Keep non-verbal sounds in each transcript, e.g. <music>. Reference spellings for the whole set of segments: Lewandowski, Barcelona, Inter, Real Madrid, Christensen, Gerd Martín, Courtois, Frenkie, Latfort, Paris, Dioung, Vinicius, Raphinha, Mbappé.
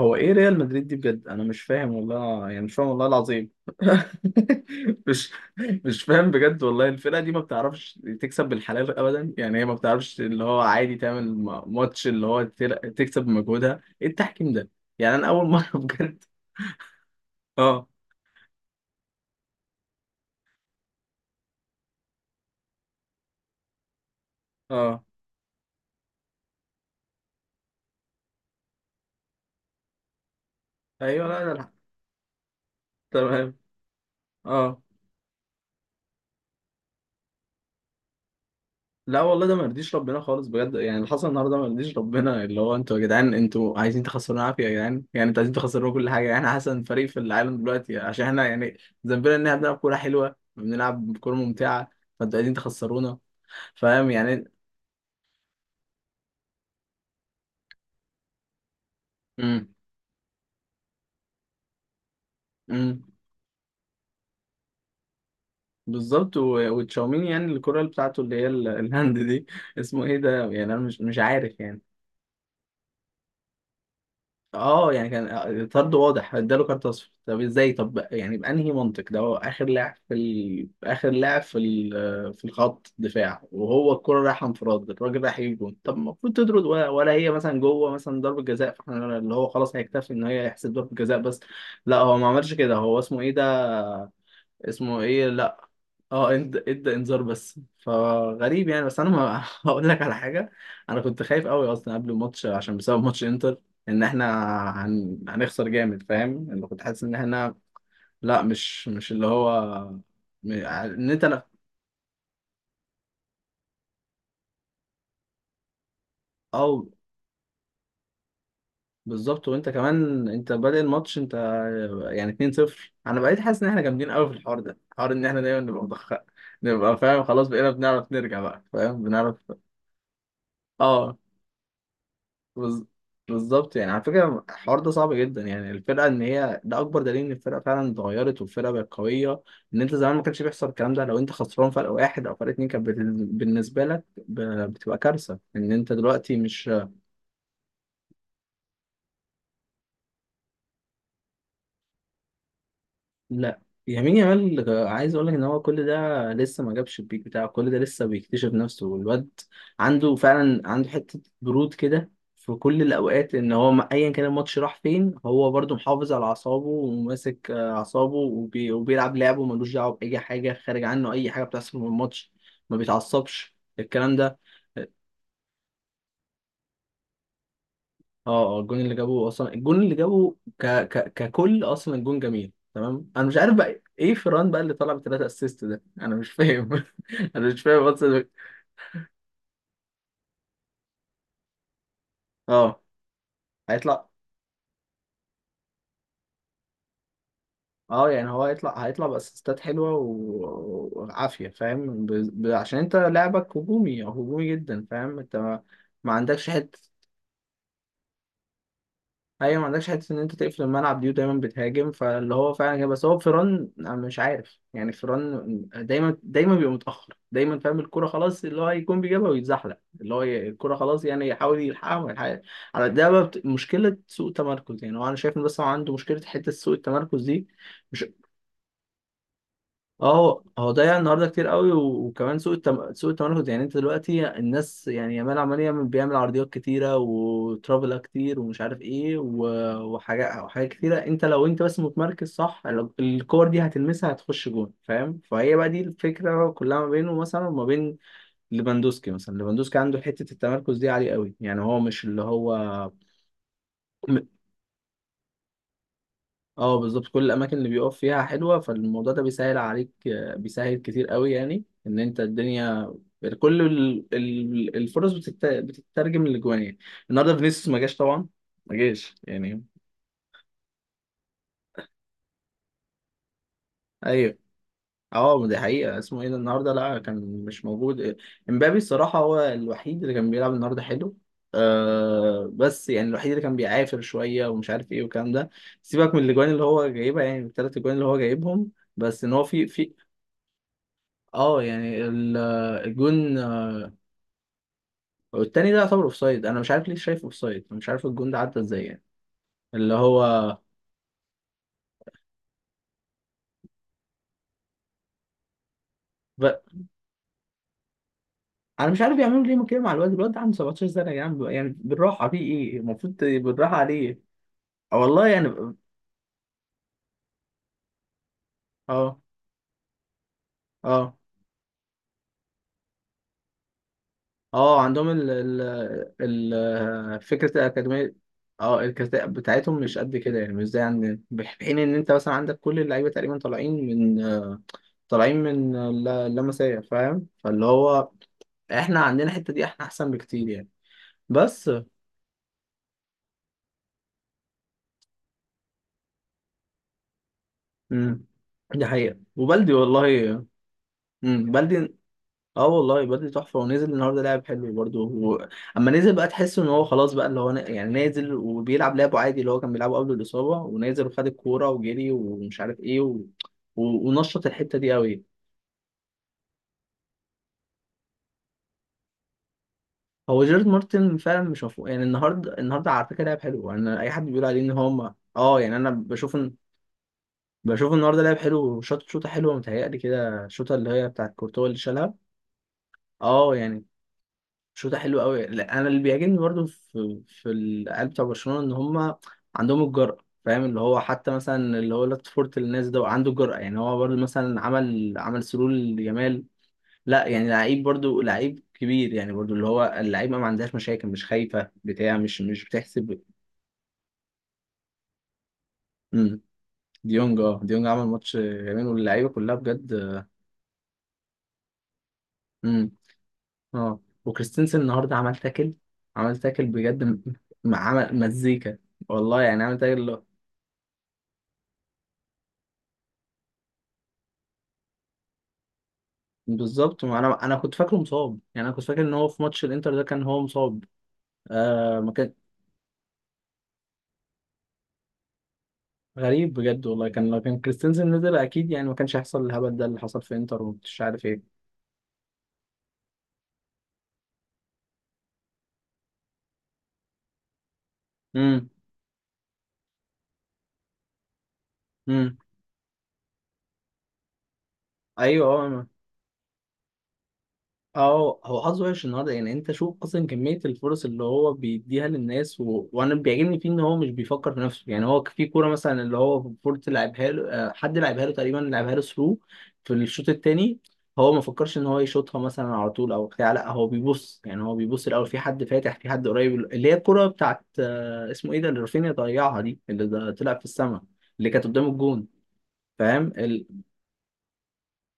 هو ايه ريال مدريد دي بجد؟ انا مش فاهم والله، يعني مش فاهم والله العظيم. <laughs> مش مش فاهم بجد والله. الفرقه دي ما بتعرفش تكسب بالحلال ابدا، يعني هي ما بتعرفش اللي هو عادي تعمل ماتش اللي هو تكسب بمجهودها. ايه التحكيم ده يعني؟ انا اول مره <laughs> بجد. اه، اه، ايوه، لا لا لا. تمام. اه. لا والله ده ما يرضيش ربنا خالص بجد، يعني اللي حصل النهارده ما يرضيش ربنا، اللي هو انتوا يا جدعان انتوا عايزين تخسرونا عافيه يا جدعان، يعني انتوا عايزين تخسرونا كل حاجه، يعني احنا احسن فريق في العالم دلوقتي، عشان احنا يعني ذنبنا ان احنا بنلعب كوره حلوه، بنلعب كوره ممتعه، فانتوا عايزين تخسرونا، فاهم يعني. امم امم. بالظبط، وتشاوميني، يعني الكرة اللي بتاعته اللي هي الهاند دي، اسمه ايه ده يعني، انا مش عارف يعني. اه يعني كان طرد واضح، اداله كارت اصفر. طب ازاي؟ طب يعني بانهي منطق ده؟ هو اخر لاعب في ال... اخر لاعب في ال... في الخط دفاع وهو الكرة رايحه انفراد، الراجل رايح يجيب جون، طب المفروض تطرد، ولا... ولا هي مثلا جوه مثلا ضربة جزاء، فاحنا اللي هو خلاص هيكتفي ان هي يحسب ضربة جزاء بس. لا هو ما عملش كده، هو اسمه ايه ده، اسمه ايه، لا. اه، ادى انذار بس، فغريب يعني. بس انا ما <laughs> هقول لك على حاجه. انا كنت خايف قوي اصلا قبل الماتش، عشان بسبب ماتش انتر، ان احنا هن... هنخسر جامد، فاهم؟ انا كنت حاسس ان احنا، لا مش اللي هو، ان انت، لا. او. بالظبط، وانت كمان انت بادئ الماتش انت يعني 2-0. انا بقيت حاسس ان احنا جامدين قوي في الحوار ده، حوار ان احنا دايما نبقى متاخر، نبقى فاهم خلاص، بقينا بنعرف نرجع بقى، فاهم، بنعرف. اه. بز- بالظبط يعني. على فكرة الحوار ده صعب جدا، يعني الفرقة ان هي ده اكبر دليل ان الفرقة فعلا اتغيرت والفرقة بقت قوية. ان انت زمان ما كانش بيحصل الكلام ده، لو انت خسران فرق واحد او فرق اتنين كانت بالنسبة لك بتبقى كارثة ان انت دلوقتي مش. لا، يمين يامال عايز اقول لك ان هو كل ده لسه ما جابش البيك بتاعه، كل ده لسه بيكتشف نفسه، والواد عنده فعلا، عنده حته برود كده في كل الاوقات، ان هو ايا كان الماتش راح فين هو برضو محافظ على اعصابه، وماسك اعصابه، وبي... وبيلعب لعبه ملوش دعوه باي حاجه خارج عنه، اي حاجه بتحصل في الماتش ما بيتعصبش الكلام ده. اه. الجون اللي جابه اصلا، الجون اللي جابه ك ك ككل اصلا، الجون جميل تمام. انا مش عارف بقى ايه فران بقى اللي طلع ب3 اسيست ده، انا مش فاهم. <laughs> انا مش فاهم اصلا. اه، هيطلع. اه يعني هو هيطلع باسيستات حلوه وعافيه، فاهم؟ ب... ب... عشان انت لعبك هجومي او هجومي جدا فاهم، انت ما، ما عندكش. ايوه ما عندكش حته ان انت تقفل الملعب دي، ودايما بتهاجم، فاللي هو فعلا كده. بس هو فيران أنا مش عارف يعني، فيران دايما بيبقى متاخر دايما، فاهم؟ الكوره خلاص اللي هو هيكون بيجيبها ويتزحلق، اللي هو الكوره خلاص يعني يحاول يلحقها وما يلحقهاش. على ده بقى مشكله سوء تمركز، يعني هو انا شايف ان بس هو عنده مشكله حته سوء التمركز دي. مش، اه هو ضيع النهارده كتير قوي، وكمان سوق التم... سوق التمركز، يعني انت دلوقتي الناس يعني يامال عمال يعمل، بيعمل عرضيات كتيره، وترافلا كتير، ومش عارف ايه و... وحاجات كتيره. انت لو انت بس متمركز صح، الكور دي هتلمسها هتخش جون، فاهم؟ فهي بقى دي الفكره كلها ما بينه مثلا وما بين ليفاندوسكي مثلا. ليفاندوسكي عنده حته التمركز دي عاليه قوي، يعني هو مش اللي هو. اه بالظبط، كل الاماكن اللي بيقف فيها حلوه، فالموضوع ده بيسهل عليك، بيسهل كتير قوي. يعني ان انت الدنيا كل الفرص بتترجم لجوان يعني. النهارده فينيسيوس ما جاش طبعا، ما جاش يعني. ايوه. اه ما دي حقيقه، اسمه ايه ده النهارده، لا كان مش موجود. امبابي الصراحه هو الوحيد اللي كان بيلعب النهارده حلو، آه بس يعني الوحيد اللي كان بيعافر شويه، ومش عارف ايه والكلام ده. سيبك من الاجوان اللي هو جايبها، يعني ال3 اجوان اللي هو جايبهم، بس ان هو في في. اه يعني الجون التاني ده يعتبر اوفسايد، انا مش عارف ليه شايفه اوفسايد، مش عارف الجون ده عدى ازاي يعني اللي هو ب... انا مش عارف بيعملوا ليه كده مع الواد، الواد ده عنده 17 سنه يا جدعان، يعني بالراحه، في ايه المفروض بالراحه عليه. آه والله يعني. اه. اه. اه عندهم ال فكره الاكاديميه. اه الكفاءة بتاعتهم مش قد كده يعني، مش زي عندنا، في حين ان انت مثلا عندك كل اللعيبه تقريبا طالعين من طالعين من اللمسيه فاهم، فاللي هو احنا عندنا الحته دي، احنا احسن بكتير يعني. بس. امم. دي حقيقه وبلدي والله. امم، بلدي. اه والله بلدي تحفه، ونزل النهارده لعب حلو برضه و... اما نزل بقى تحس ان هو خلاص بقى، اللي هو ن... يعني نازل وبيلعب لعبه عادي اللي هو كان بيلعبه قبل الاصابه، ونازل وخد الكوره وجري ومش عارف ايه و... و... ونشط الحته دي قوي. هو جيرد مارتن فعلا مش مفهوم يعني. النهارده، النهارده على فكره لعب حلو، يعني اي حد بيقول عليه ان هو اه، يعني انا بشوف ان، بشوف النهارده لعب حلو، شاط شوطه حلوه، متهيألي كده الشوطه اللي هي بتاعت كورتوا اللي شالها. اه يعني شوطه حلوه قوي. لا انا اللي بيعجبني برضو في في العيال بتوع برشلونه ان هم عندهم الجرأه، فاهم؟ اللي هو حتى مثلا اللي هو لاتفورت الناس ده عنده جرأه، يعني هو برضو مثلا عمل سرول لجمال، لا يعني لعيب برضو لعيب كبير يعني، برضو اللي هو اللعيب ما عندهاش مشاكل، مش خايفه بتاع، مش بتحسب. امم. ديونج، اه ديونج عمل ماتش جميل، واللعيبه كلها بجد. اه وكريستنسن النهارده عمل تاكل، عمل تاكل بجد، عمل مزيكا، والله يعني، عمل تاكل اللي هو. بالظبط، ما انا انا كنت فاكره مصاب، يعني انا كنت فاكر ان هو في ماتش الانتر ده كان هو مصاب، آه ما كان. غريب بجد والله، كان لو كان كريستنسن نزل اكيد يعني ما كانش هيحصل الهبل ده اللي حصل في انتر ومش عارف ايه. امم، امم. ايوه. اه. اه هو حظه وحش النهارده، يعني انت شوف اصلا كميه الفرص اللي هو بيديها للناس و... وانا بيعجبني فيه ان هو مش بيفكر في نفسه، يعني هو في كوره مثلا اللي هو فورت لعبها له، حد لعبها له تقريبا، لعبها له ثرو في الشوط الثاني، هو ما فكرش ان هو يشوطها مثلا على طول او بتاع، لا هو بيبص يعني، هو بيبص الاول في حد فاتح، في حد قريب، اللي هي الكوره بتاعت اسمه ايه ده، اللي رافينيا ضيعها دي، اللي ده طلع في السما، اللي كانت قدام الجون، فاهم.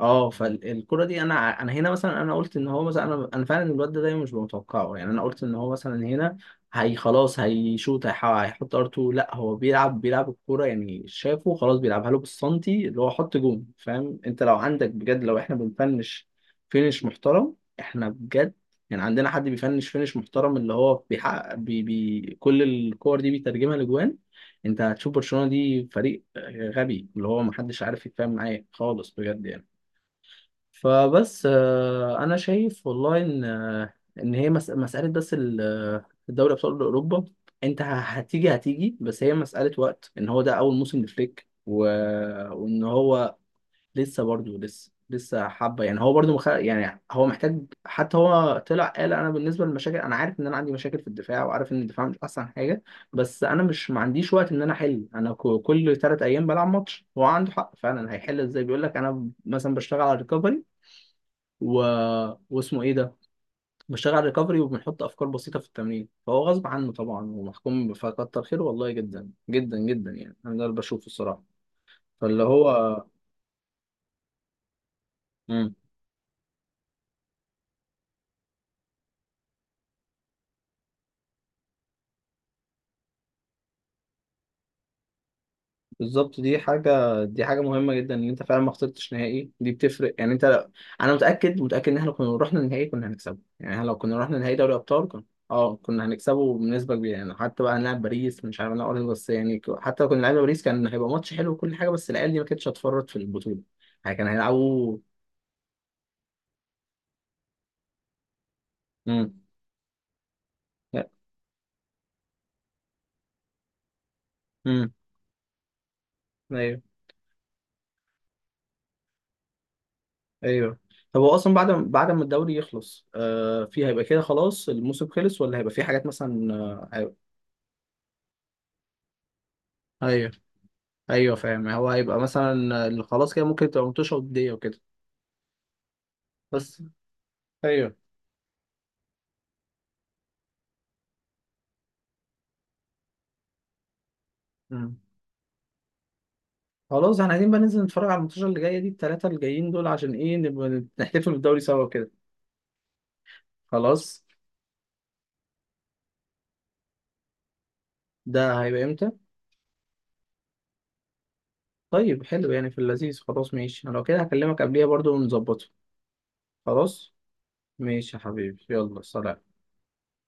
اه فالكرة دي انا ع- انا هنا مثلا انا قلت ان هو مثلا، انا انا فعلا الواد ده دايما مش متوقعه يعني، انا قلت ان هو مثلا هنا هي خلاص هيشوط، هيحط ار2، لا هو بيلعب، بيلعب الكوره يعني، شافه خلاص بيلعبها له بالسنتي اللي هو، حط جون، فاهم؟ انت لو عندك بجد، لو احنا بنفنش فينش محترم، احنا بجد يعني عندنا حد بيفنش فينش محترم اللي هو بيحقق بي بي كل الكور دي بيترجمها لجوان، انت هتشوف برشلونة دي فريق غبي اللي هو محدش عارف يتفاهم معاه خالص بجد يعني. فبس انا شايف والله ان ان هي مساله بس الدوري ابطال اوروبا، انت هتيجي بس، هي مساله وقت، ان هو ده اول موسم لفليك و... وان هو لسه برضه، لسه حبه يعني، هو برضه مخ... يعني هو محتاج. حتى هو طلع قال انا بالنسبه للمشاكل انا عارف ان انا عندي مشاكل في الدفاع، وعارف ان الدفاع مش احسن حاجه، بس انا مش، ما عنديش وقت ان انا احل، انا كل 3 ايام بلعب ماتش، هو عنده حق فعلا، هيحل ازاي؟ بيقول لك انا مثلا بشتغل على الريكفري و... واسمه ايه ده، بشتغل على ريكفري، وبنحط افكار بسيطه في التمرين، فهو غصب عنه طبعا ومحكوم، فكتر خيره والله جدا جدا جدا، يعني انا ده اللي بشوفه الصراحه، فاللي هو. مم. بالظبط، دي حاجة مهمة جدا ان انت فعلا ما خسرتش نهائي، دي بتفرق يعني، انت لو... انا متأكد ان احنا كنا رحنا النهائي كنا هنكسبه يعني، احنا لو كنا رحنا نهائي دوري ابطال كنا، اه كنا هنكسبه بنسبة كبيرة يعني. حتى بقى هنلعب باريس، مش عارف هنلعب بس يعني، حتى لو كنا لعبنا باريس كان هيبقى ماتش حلو وكل حاجة، بس العيال دي ما كانتش هتفرط في البطولة، يعني كان هيلعبوا. امم. امم. ايوه. ايوه. طب هو اصلا بعد، ما الدوري يخلص آه، في هيبقى كده خلاص الموسم خلص، ولا هيبقى في حاجات مثلا هيبقى؟ ايوه فاهم، هو هيبقى مثلا اللي خلاص كده، ممكن تبقى متوشة ودية وكده. بس. ايوه. مم. خلاص احنا عايزين بقى ننزل نتفرج على الماتشات اللي جايه دي، ال3 اللي جايين دول، عشان ايه نبقى نحتفل بالدوري سوا كده. خلاص. ده هيبقى امتى؟ طيب حلو، يعني في اللذيذ، خلاص ماشي، انا لو كده هكلمك قبليها برضو ونظبطه. خلاص ماشي يا حبيبي، يلا سلام.